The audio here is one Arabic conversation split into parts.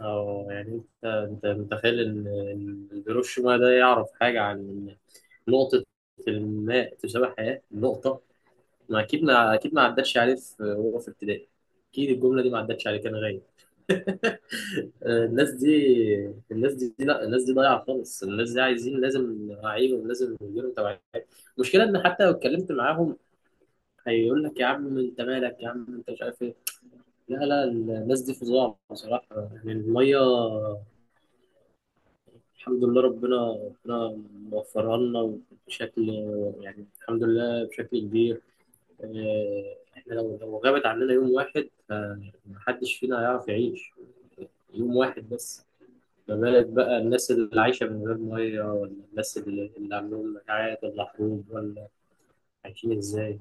أو يعني أنت متخيل إن هيروشيما ده يعرف حاجة عن نقطة، الماء تساوي حياة نقطة. ما أكيد ما عدتش عليه في وهو في ابتدائي. أكيد الجملة دي ما عدتش عليه، كان غايب. الناس دي، الناس دي لا الناس دي ضايعة خالص. الناس دي عايزين، لازم نوعيهم، لازم يديروا توعية. المشكلة إن حتى لو اتكلمت معاهم هيقول لك: يا عم أنت مالك، يا عم أنت مش عارف إيه. لا لا الناس دي فظاع بصراحة. يعني المية، الحمد لله ربنا موفرها لنا بشكل، يعني الحمد لله بشكل كبير. احنا لو غابت عننا يوم واحد فمحدش فينا هيعرف يعيش يوم واحد بس. ما بالك بقى الناس اللي عايشة من غير مية، ولا الناس اللي عندهم مجاعات ولا حروب ولا، عايشين ازاي؟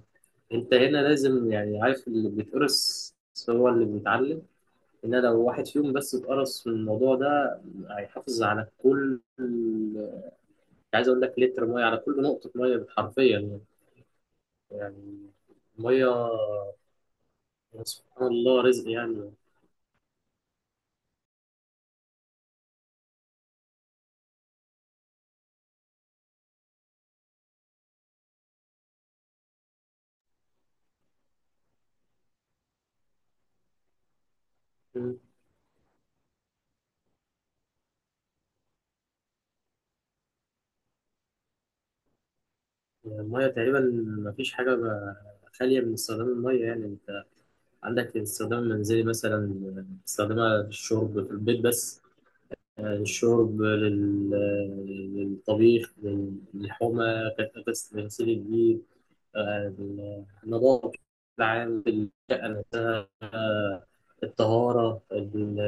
انت هنا لازم، يعني عارف، اللي بيتقرص هو اللي بيتعلم. هنا لو واحد فيهم بس اتقرص من الموضوع ده هيحافظ على كل، عايز اقول لك، لتر ميه على كل نقطه ميه حرفيا يعني. يعني الميه، سبحان الله رزق يعني. مم. الميه تقريبا ما فيش حاجه خاليه من استخدام الميه. يعني انت عندك استخدام منزلي مثلا، استخدامها للشرب في البيت بس، الشرب، للطبيخ، للحومه، غسل، غسيل الجيل، آه، النظافه العام، آه، الطهارة،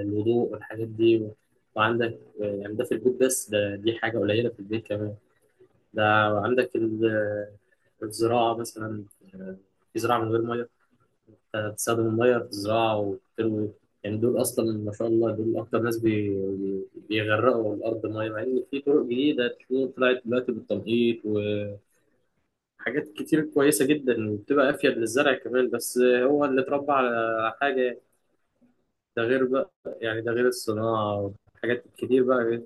الوضوء والحاجات دي. وعندك يعني ده في البيت بس، ده دي حاجة قليلة في البيت كمان. ده عندك الزراعة مثلا، آه، في زراعة من غير مية؟ تستخدم المية في الزراعة وتروي. يعني دول أصلا ما شاء الله دول أكتر ناس بيغرقوا الأرض مية، مع إن في طرق جديدة تكون طلعت دلوقتي بالتنقيط وحاجات كتير كويسة جدا وبتبقى أفيد للزرع كمان بس. هو اللي اتربى على حاجة. ده غير بقى، يعني ده غير الصناعة والحاجات الكتير بقى.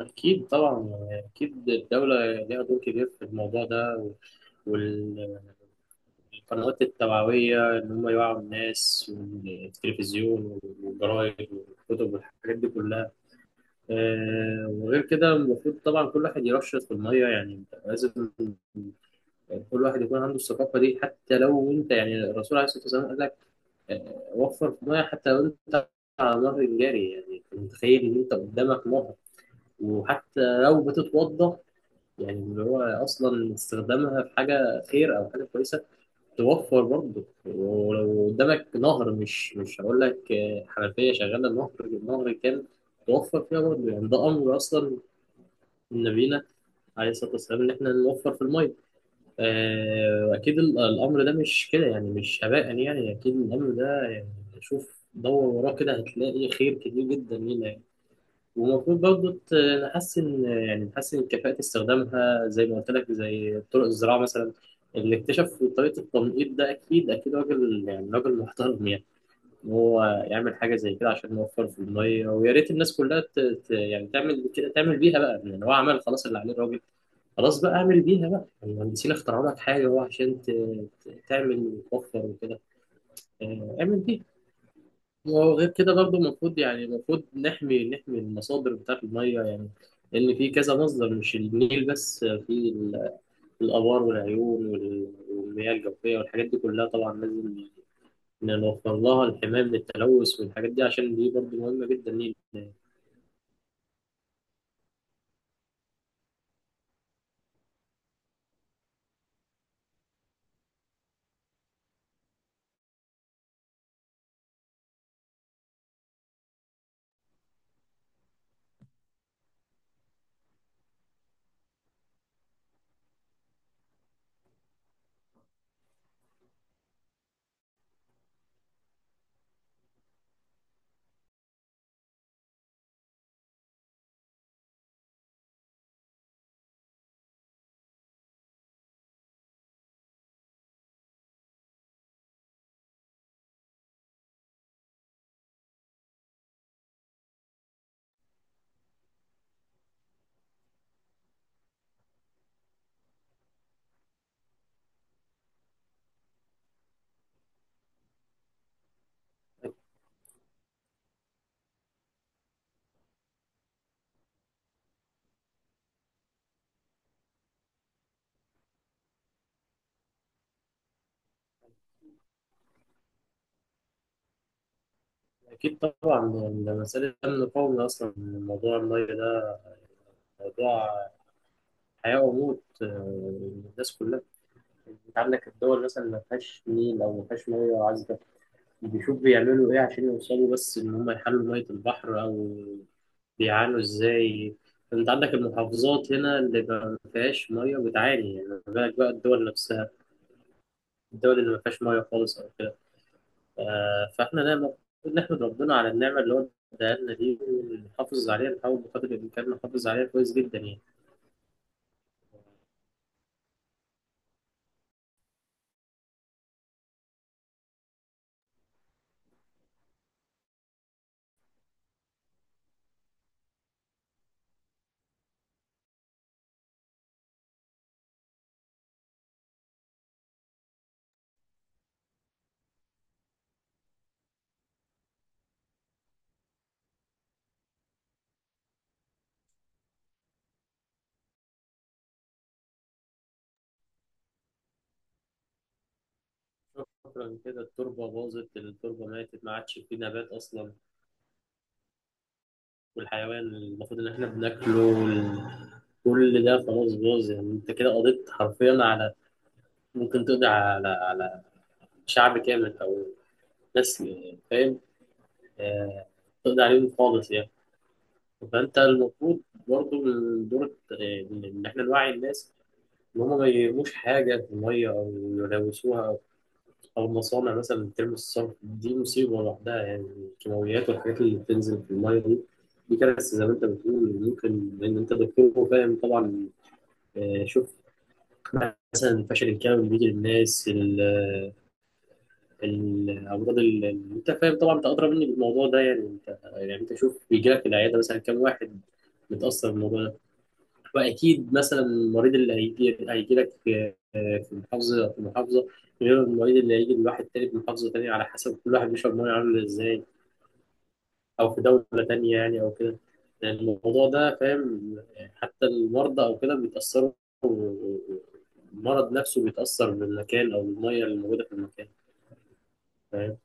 أكيد طبعا، يعني أكيد الدولة ليها دور كبير في الموضوع ده، وال- والقنوات التوعوية إن هم يوعوا الناس، والتلفزيون والجرايد والكتب والحاجات دي كلها. وغير كده المفروض طبعا كل واحد يرشد في المية. يعني أنت لازم كل واحد يكون عنده الثقافة دي. حتى لو أنت، يعني الرسول عليه الصلاة والسلام قال لك وفر في ميه حتى لو انت على نهر الجري. يعني انت متخيل ان انت قدامك نهر وحتى لو بتتوضى، يعني اللي هو اصلا استخدامها في حاجه خير او حاجه كويسه، توفر برضه. ولو قدامك نهر، مش هقول لك حنفيه شغاله، نهر، النهر كان، توفر فيها برضه. يعني ده امر اصلا من نبينا عليه الصلاه والسلام ان احنا نوفر في الميه. أكيد الأمر ده مش كده يعني، مش هباء يعني. أكيد الأمر ده يعني شوف دور وراه كده هتلاقي خير كتير جدا لينا يعني. والمفروض برضه نحسن، يعني نحسن كفاءة استخدامها زي ما قلت لك، زي طرق الزراعة مثلا. اللي اكتشف طريقة التنقيط ده أكيد أكيد راجل، يعني راجل محترم يعني، إن هو يعمل حاجة زي كده عشان نوفر في المية. ويا ريت الناس كلها يعني تعمل كده، تعمل بيها بقى. يعني هو عمل خلاص اللي عليه الراجل. خلاص بقى اعمل بيها بقى، المهندسين اخترعوا لك حاجة هو عشان تعمل وتوفر وكده. اعمل بيها. وغير كده برضه المفروض، يعني المفروض نحمي نحمي المصادر بتاعت المية يعني. لأن في كذا مصدر مش النيل بس. في الآبار والعيون والمياه الجوفية والحاجات دي كلها، طبعا لازم نوفر لها الحماية من التلوث والحاجات دي، عشان دي برضه مهمة جدا لينا. أكيد طبعا، يعني ده مسألة أمن قومي أصلا، موضوع المية ده موضوع هيبقى موت الناس كلها. انت عندك الدول مثلا ما فيهاش نيل او ما فيهاش ميه عذبه، بيشوف بيعملوا ايه عشان يوصلوا بس ان هم يحلوا ميه البحر، او بيعانوا ازاي. انت عندك المحافظات هنا اللي ما فيهاش ميه بتعاني، يعني ما بالك بقى الدول نفسها، الدول اللي ما فيهاش ميه خالص او كده. فاحنا لا، المفروض نحمد ربنا على النعمه اللي هو اداها لنا دي، ونحافظ عليها، نحاول بقدر الامكان نحافظ عليها كويس جدا يعني. شكرا كده، التربة باظت، التربة ماتت، ما عادش في نبات أصلا. والحيوان المفروض إن إحنا بناكله كل ده خلاص باظ. يعني أنت كده قضيت حرفيا على، ممكن تقضي على شعب كامل أو ناس، فاهم؟ آه، تقضي عليهم خالص يعني. فأنت المفروض برضه من دور إن إحنا نوعي الناس إن هما ما يرموش حاجة في المية أو يلوثوها. أو مصانع مثلا بترمي الصرف، دي مصيبة لوحدها يعني، الكيماويات والحاجات اللي بتنزل في المية دي، دي كارثة زي ما أنت بتقول، ممكن، لأن أنت دكتور وفاهم طبعا. شوف مثلا الفشل الكلوي اللي بيجي للناس، الأمراض اللي، أنت فاهم طبعا، أنت أدرى مني بالموضوع ده يعني. أنت يعني أنت شوف بيجي لك العيادة مثلا كام واحد متأثر بالموضوع. واكيد مثلا المريض اللي هيجي، هيجي لك في محافظه في محافظه، غير المريض اللي هيجي من واحد تاني في محافظه تانيه، على حسب كل واحد بيشرب ميه عامل ازاي، او في دوله تانيه يعني، او كده. يعني الموضوع ده، فاهم؟ حتى المرضى او كده بيتاثروا، المرض نفسه بيتاثر بالمكان او الميه اللي موجوده في المكان، فاهم؟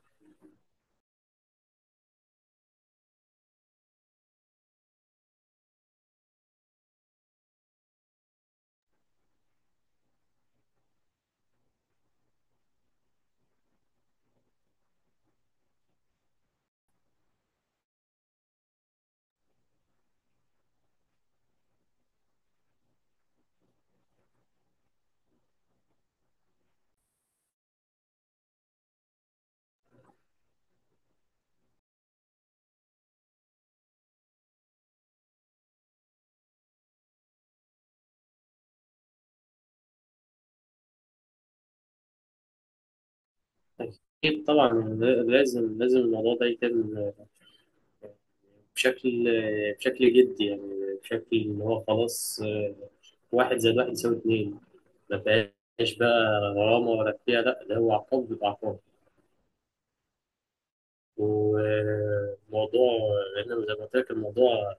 اكيد طبعا. لازم لازم الموضوع ده يتم بشكل بشكل جدي يعني، بشكل ان هو خلاص. 1+1=2، ما فيهاش بقى غرامة ولا فيها لا، ده هو عقاب، بيبقى عقاب. وموضوع، لأن زي ما قلت لك الموضوع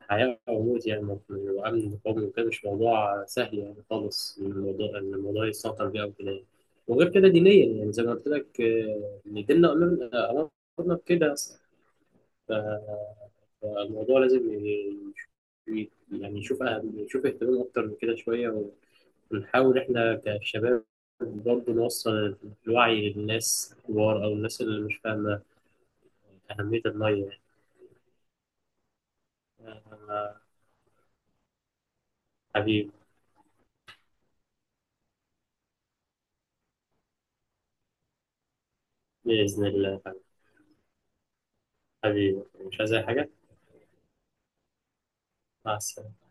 حياة وموت يعني، وأمن قومي وكده، مش موضوع سهل يعني خالص، إن الموضوع يسيطر بيه أو كده يعني. وغير كده دينيا، يعني زي ما قلت لك إن ديننا أمرنا، أمرنا بكده أصلا. فالموضوع لازم يعني يشوف أهم، يشوف اهتمام أكتر من كده شوية. بنحاول إحنا كشباب برضه نوصل الوعي للناس الكبار أو الناس اللي مش فاهمة أهمية المية، يعني آه، حبيبي، بإذن الله. حبيبي مش عايز أي حاجة. مع السلامة.